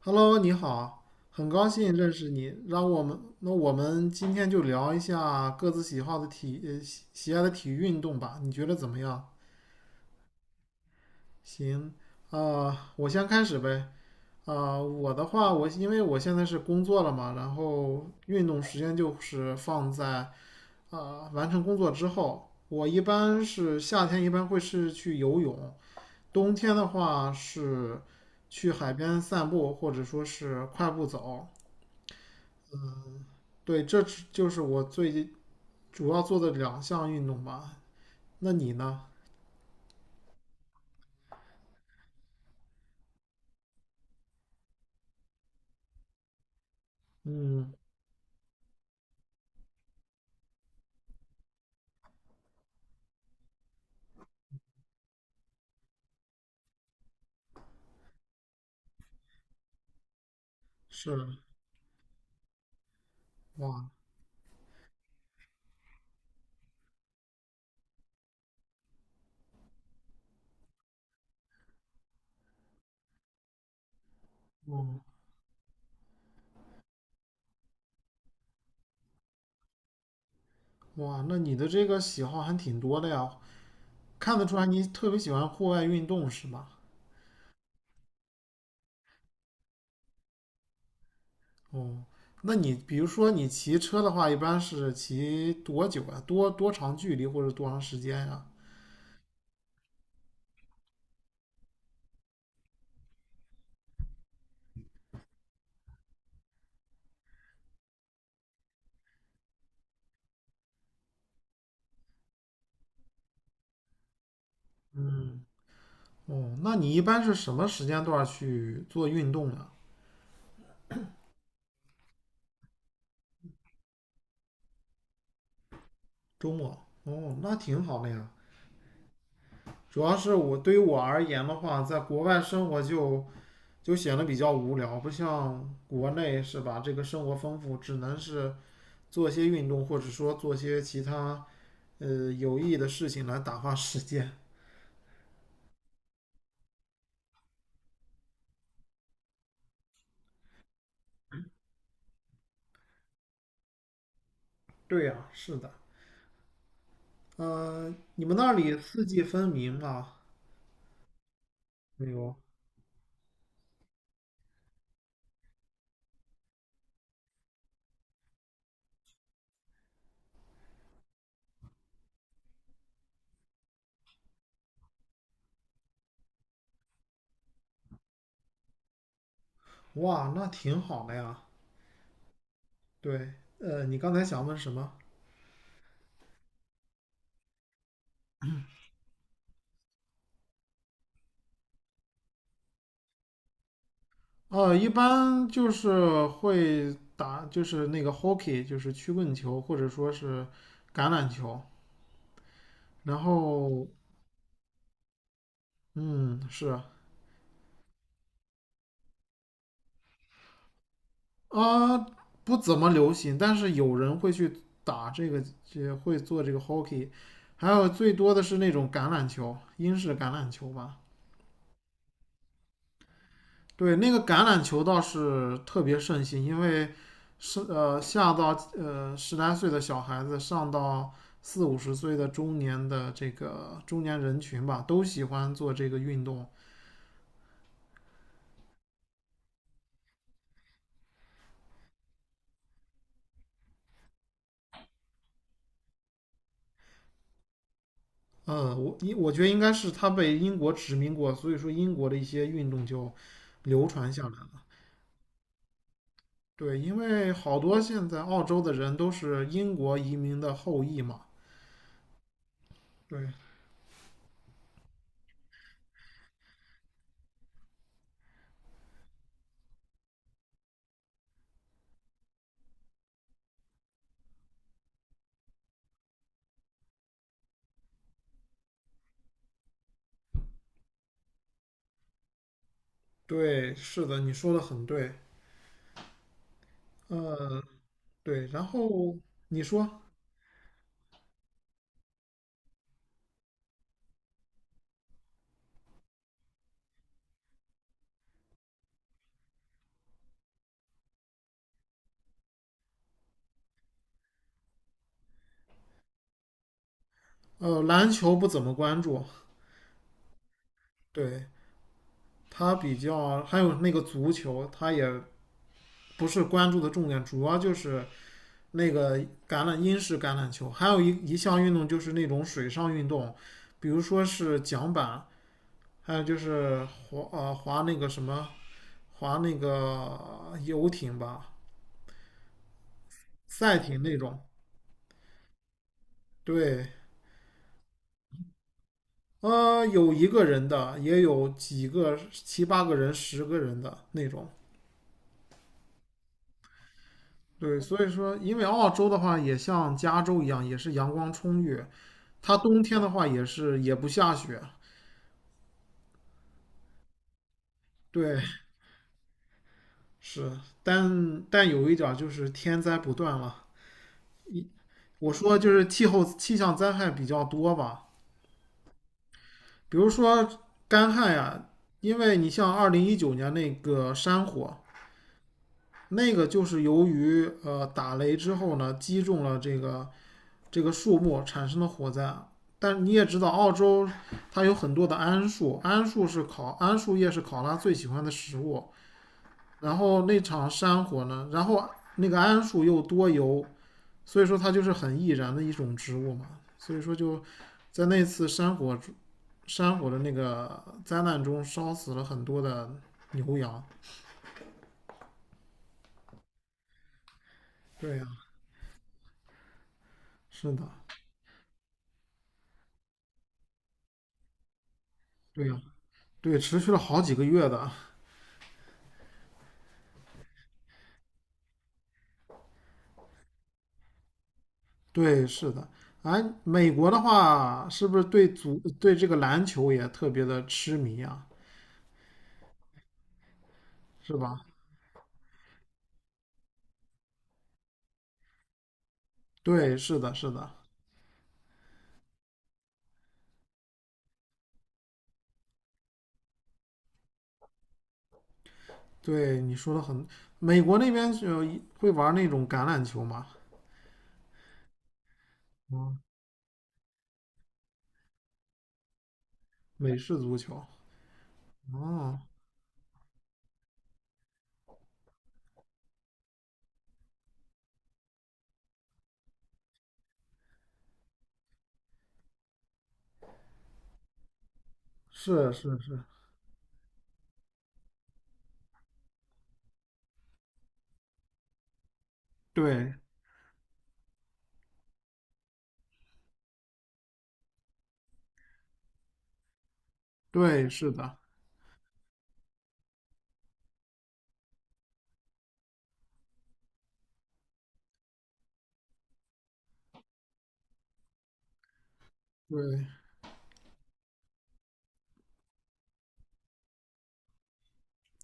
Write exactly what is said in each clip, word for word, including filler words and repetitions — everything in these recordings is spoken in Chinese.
Hello，你好，很高兴认识你。让我们，那我们今天就聊一下各自喜好的体，呃，喜喜爱的体育运动吧。你觉得怎么样？行，呃，我先开始呗。啊、我的话，我因为我现在是工作了嘛，然后运动时间就是放在啊、完成工作之后。我一般是夏天一般会是去游泳，冬天的话是去海边散步，或者说是快步走。对，这就是我最近主要做的两项运动吧。那你呢？嗯，是，哇，哦，哇，那你的这个喜好还挺多的呀，看得出来你特别喜欢户外运动是吧？哦，那你比如说你骑车的话，一般是骑多久啊？多多长距离或者多长时间呀？哦，那你一般是什么时间段去做运动啊？周末？哦，那挺好的呀。主要是我对于我而言的话，在国外生活就就显得比较无聊，不像国内是吧？这个生活丰富，只能是做些运动，或者说做些其他呃有意义的事情来打发时间。对呀，是的，嗯、你们那里四季分明啊？没有，哇，那挺好的呀。对，呃，你刚才想问什么？呃，一般就是会打，就是那个 hockey,就是曲棍球，或者说是橄榄球。然后，嗯，是啊，呃不怎么流行，但是有人会去打这个，也会做这个 hockey。还有最多的是那种橄榄球，英式橄榄球吧。对，那个橄榄球倒是特别盛行，因为是呃下到呃十来岁的小孩子，上到四五十岁的中年的这个中年人群吧，都喜欢做这个运动。呃，我我觉得应该是他被英国殖民过，所以说英国的一些运动就流传下来了。对，因为好多现在澳洲的人都是英国移民的后裔嘛。对，对，是的，你说的很对。呃，对，然后你说。呃，篮球不怎么关注，对他比较，还有那个足球，他也不是关注的重点，主要就是那个橄榄英式橄榄球，还有一一项运动就是那种水上运动，比如说是桨板，还有就是滑呃滑那个什么滑那个游艇吧，赛艇那种，对。呃，有一个人的，也有几个七八个人、十个人的那种。对，所以说，因为澳洲的话也像加州一样，也是阳光充裕，它冬天的话也是也不下雪。对，是，但但有一点儿就是天灾不断了。我说就是气候气象灾害比较多吧，比如说干旱呀，因为你像二零一九年那个山火，那个就是由于呃打雷之后呢，击中了这个这个树木产生的火灾啊。但你也知道，澳洲它有很多的桉树，桉树是考桉树叶是考拉最喜欢的食物。然后那场山火呢，然后那个桉树又多油，所以说它就是很易燃的一种植物嘛。所以说就在那次山火山火的那个灾难中，烧死了很多的牛羊。对呀、是的，对呀、对，持续了好几个月的。对，是的。哎，美国的话，是不是对足对这个篮球也特别的痴迷啊？是吧？对，是的，是的。对，你说的很。美国那边就会玩那种橄榄球吗？嗯，美式足球。哦，是是是，对对，是的，对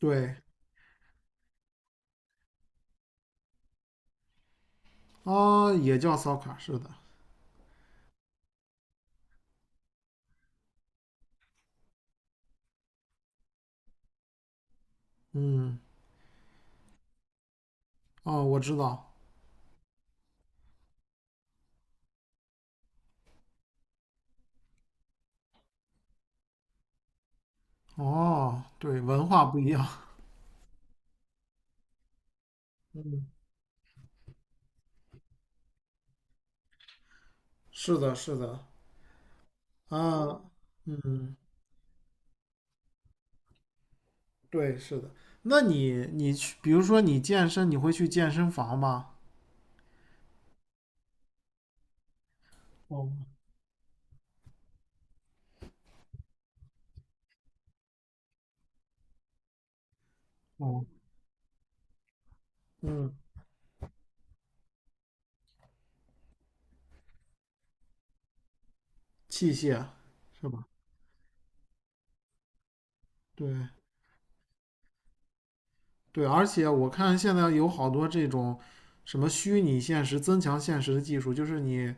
对。啊，也叫 soccer,是的。嗯，哦，我知道。哦，对，文化不一样。嗯，是的，是的。啊嗯，嗯，对，是的。那你你去，比如说你健身，你会去健身房吗？哦哦，嗯，器械是吧？对对，而且我看现在有好多这种什么虚拟现实、增强现实的技术，就是你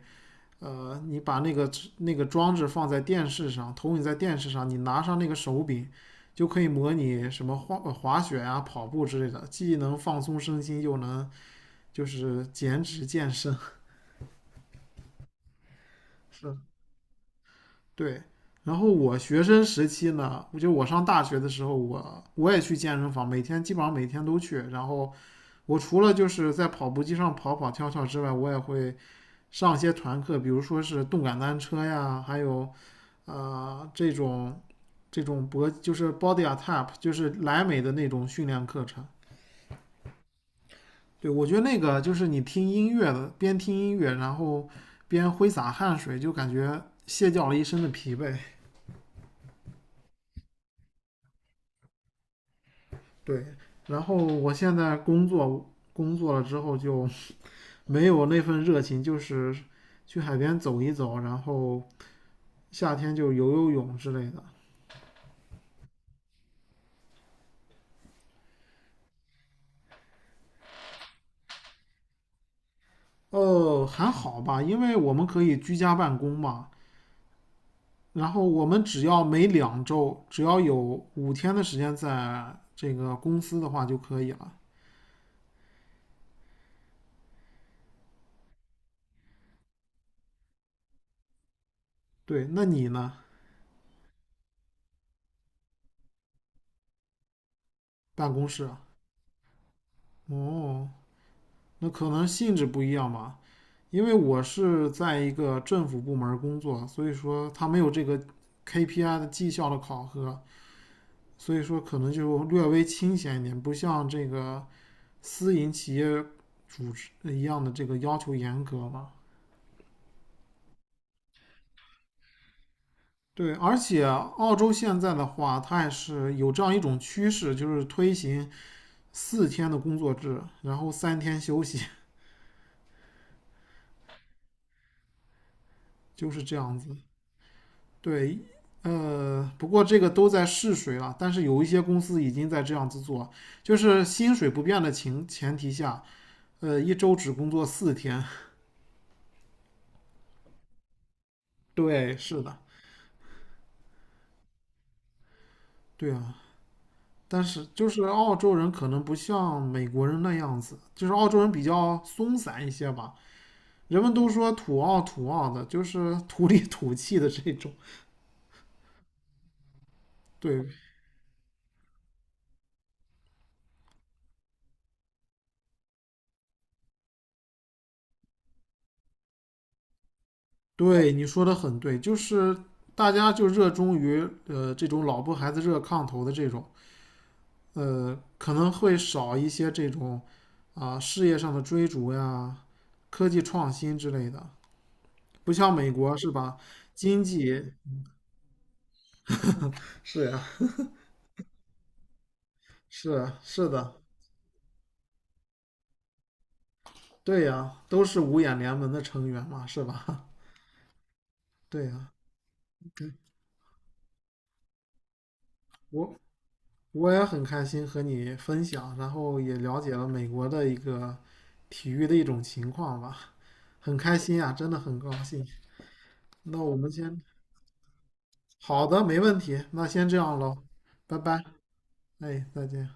呃，你把那个那个装置放在电视上，投影在电视上，你拿上那个手柄，就可以模拟什么滑呃滑雪啊、跑步之类的，既能放松身心，又能就是减脂健身。是对，然后我学生时期呢，我就我上大学的时候，我我也去健身房，每天基本上每天都去。然后我除了就是在跑步机上跑跑跳跳之外，我也会上一些团课，比如说是动感单车呀，还有呃这种这种脖就是 body a t a p 就是莱美的那种训练课程。对，我觉得那个就是你听音乐的，边听音乐，然后边挥洒汗水，就感觉卸掉了一身的疲惫。对，然后我现在工作工作了之后就没有那份热情，就是去海边走一走，然后夏天就游游泳之类的。哦，还好吧，因为我们可以居家办公嘛。然后我们只要每两周，只要有五天的时间在这个公司的话就可以了。对，那你呢？办公室啊哦，那可能性质不一样吧。因为我是在一个政府部门工作，所以说它没有这个 K P I 的绩效的考核，所以说可能就略微清闲一点，不像这个私营企业组织呃一样的这个要求严格嘛。对，而且澳洲现在的话，它也是有这样一种趋势，就是推行四天的工作制，然后三天休息，就是这样子。对，呃，不过这个都在试水了，但是有一些公司已经在这样子做，就是薪水不变的情前提下，呃，一周只工作四天。对，是的，对啊。但是就是澳洲人可能不像美国人那样子，就是澳洲人比较松散一些吧。人们都说土澳土澳的，就是土里土气的这种。对对，你说的很对，就是大家就热衷于呃这种老婆孩子热炕头的这种。呃，可能会少一些这种啊事业上的追逐呀、科技创新之类的。不像美国是吧？经济是呀，是啊是的，对呀，都是五眼联盟的成员嘛，是吧？对呀，对，我我也很开心和你分享，然后也了解了美国的一个体育的一种情况吧，很开心啊，真的很高兴。那我们先，好的，没问题，那先这样喽，拜拜。哎，再见。